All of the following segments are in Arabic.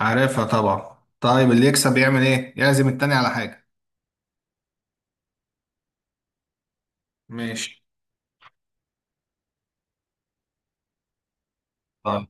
عارفها طبعا. طيب اللي يكسب يعمل ايه؟ يعزم التاني على حاجة. ماشي. طيب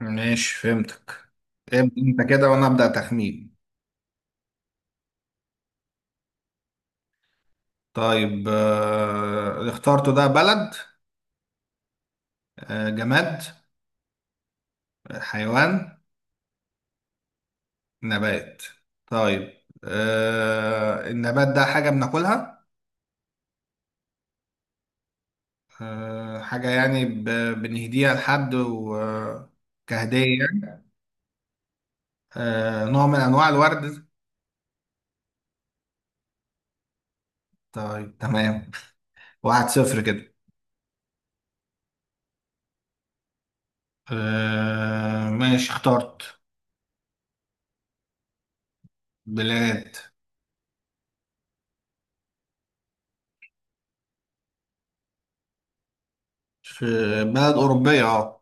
ماشي فهمتك. ابدأ انت كده وانا ابدأ تخمين. طيب اللي اخترته ده بلد؟ جماد؟ حيوان؟ نبات؟ طيب، النبات ده حاجة بناكلها؟ حاجة يعني بنهديها لحد كهدية يعني. نوع من انواع الورد؟ طيب تمام. 1-0 كده. آه ماشي اخترت. بلاد. في بلد أوروبية، اه.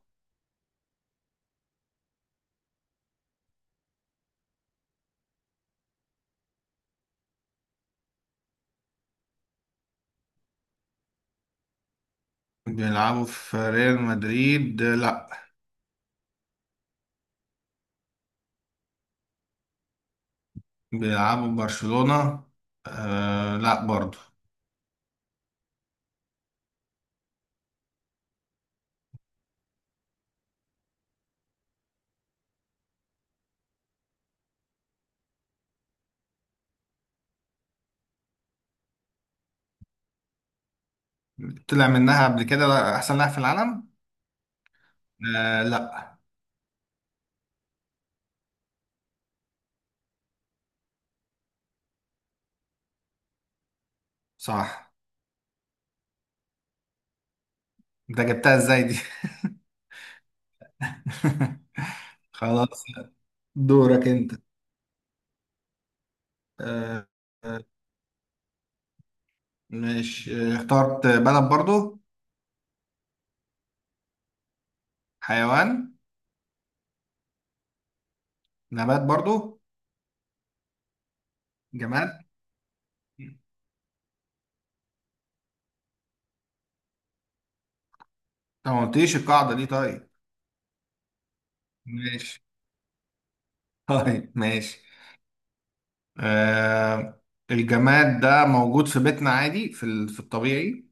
بيلعبوا في ريال مدريد؟ آه، لا. بيلعبوا في برشلونة؟ آه لا برضو. طلع منها قبل كده، لا، أحسن لاعب في العالم؟ آه لا. صح. انت جبتها ازاي دي؟ خلاص. دورك انت. آه. آه، ماشي، اخترت بلد برضو. حيوان. نبات برضو. جماد. انت ما قلتليش القاعدة دي؟ طيب ماشي. طيب ماشي. آه، الجماد ده موجود في بيتنا عادي، في في الطبيعي.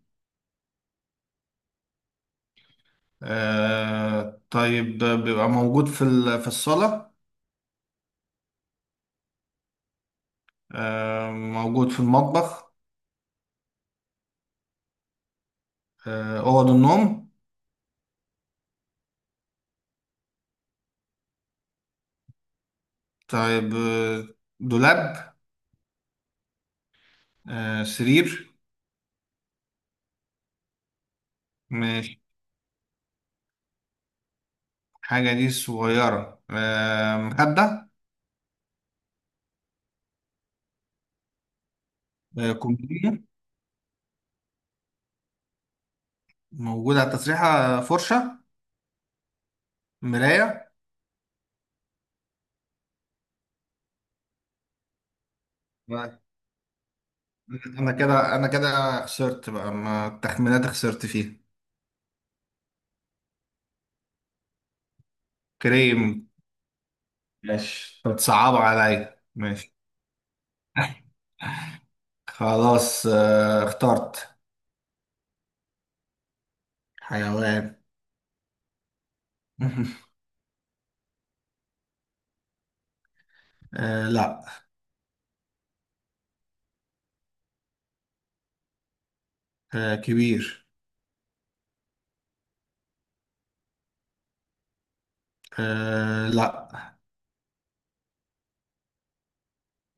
آه طيب، ده بيبقى موجود في في الصالة؟ آه، موجود في المطبخ؟ آه، أوض النوم؟ طيب، دولاب؟ آه، سرير؟ ماشي. حاجة دي صغيرة. آه، مخدة؟ آه، كومبينة موجودة على التسريحة؟ فرشة؟ مراية؟ انا كده انا كده خسرت بقى، ما التخمينات خسرت فيها. كريم. ماشي، بتصعب عليا ماشي. خلاص اخترت. حيوان. آه لا. آه كبير. آه لا.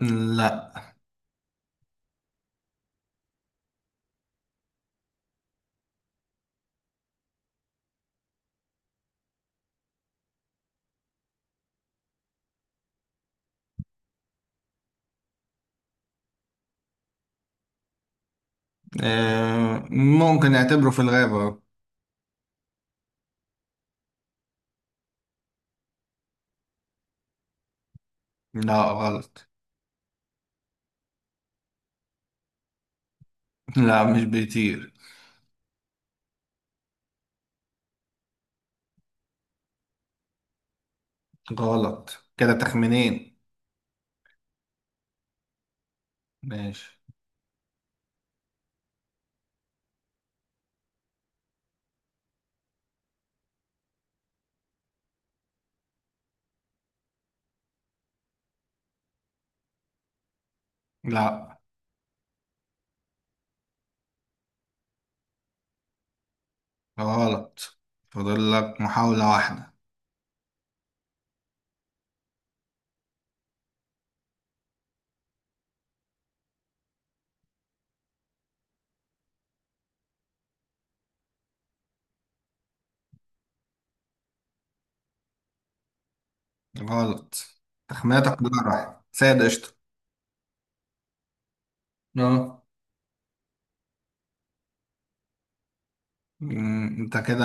لا. آه ممكن نعتبره في الغابة. لا، غلط. لا مش بيطير. غلط كده تخمينين. ماشي. لا، غلط. فاضل لك محاولة واحدة. غلط. تخميناتك كلها راحت سيد قشطة. اه. انت كده.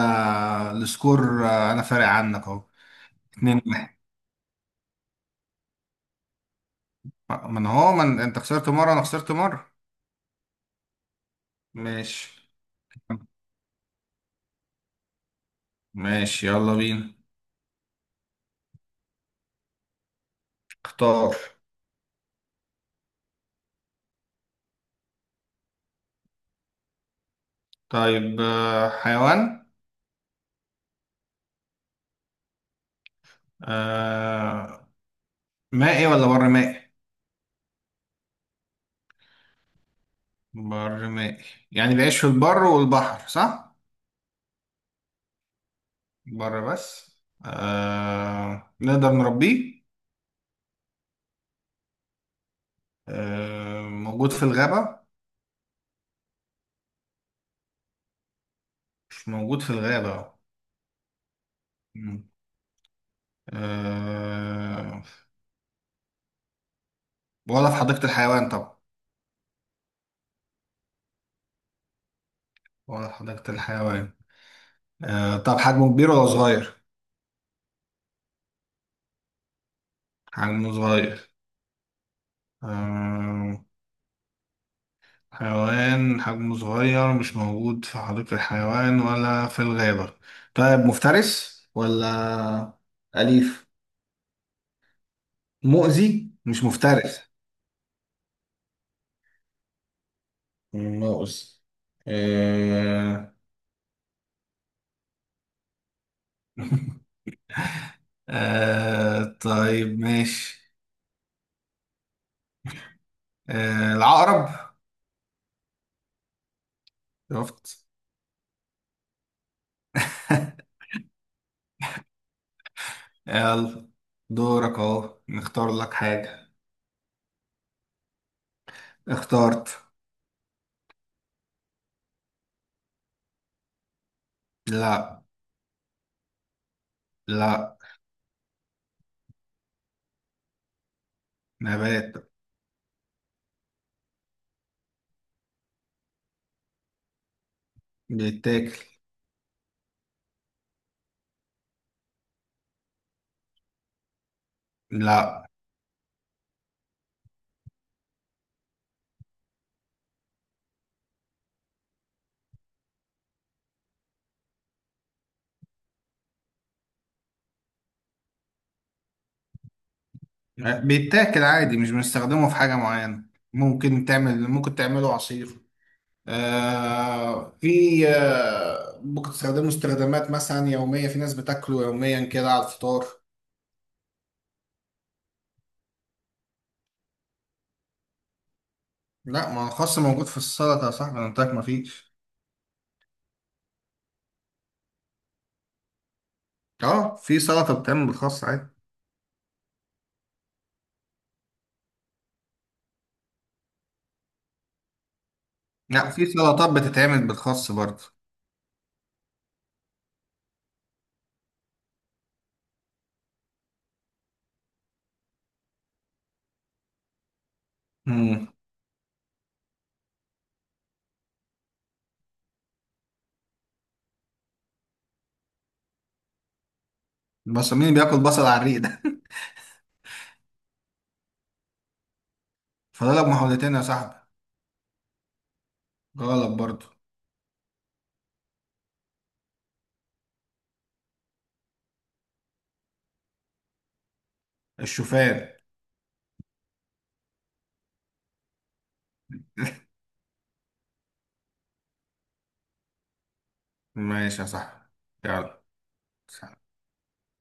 السكور انا فارق عنك اهو. 2-1. من انت خسرت مرة، انا خسرت مرة. ماشي. ماشي يلا بينا. اختار. طيب حيوان. آه، مائي ولا بر مائي؟ بر مائي؟ يعني بيعيش في البر والبحر، صح؟ بر بس. نقدر نربيه؟ موجود في الغابة؟ مش موجود في الغابة. مم. أه... ولا في حديقة الحيوان طبعا. ولا في حديقة الحيوان. طب حجمه كبير ولا صغير؟ حجمه صغير. أه... حيوان حجمه صغير، مش موجود في حديقة الحيوان ولا في الغابة. طيب، مفترس ولا أليف؟ مؤذي مش مفترس. مؤذي. أه... طيب ماشي. العقرب. شفت؟ يلا دورك اهو، نختار لك حاجة. اخترت. لا. لا. نبات. بيتاكل. لا. بيتاكل عادي، مش بنستخدمه في حاجة معينة. ممكن تعمله عصير. آه في، آه ممكن تستخدمه استخدامات مثلا يومية، في ناس بتاكله يوميا كده على الفطار. لا، ما هو الخس موجود في السلطة يا صاحبي، انا قلت لك ما فيش. اه، في سلطة بتتعمل بالخس عادي. لا، في سلطات بتتعمل بالخس برضه. بس مين بياكل بصل على الريق ده؟ فاضلك محاولتين يا صاحبي. غلط برضو. الشوفان. ماشي يا صاحبي. يلا.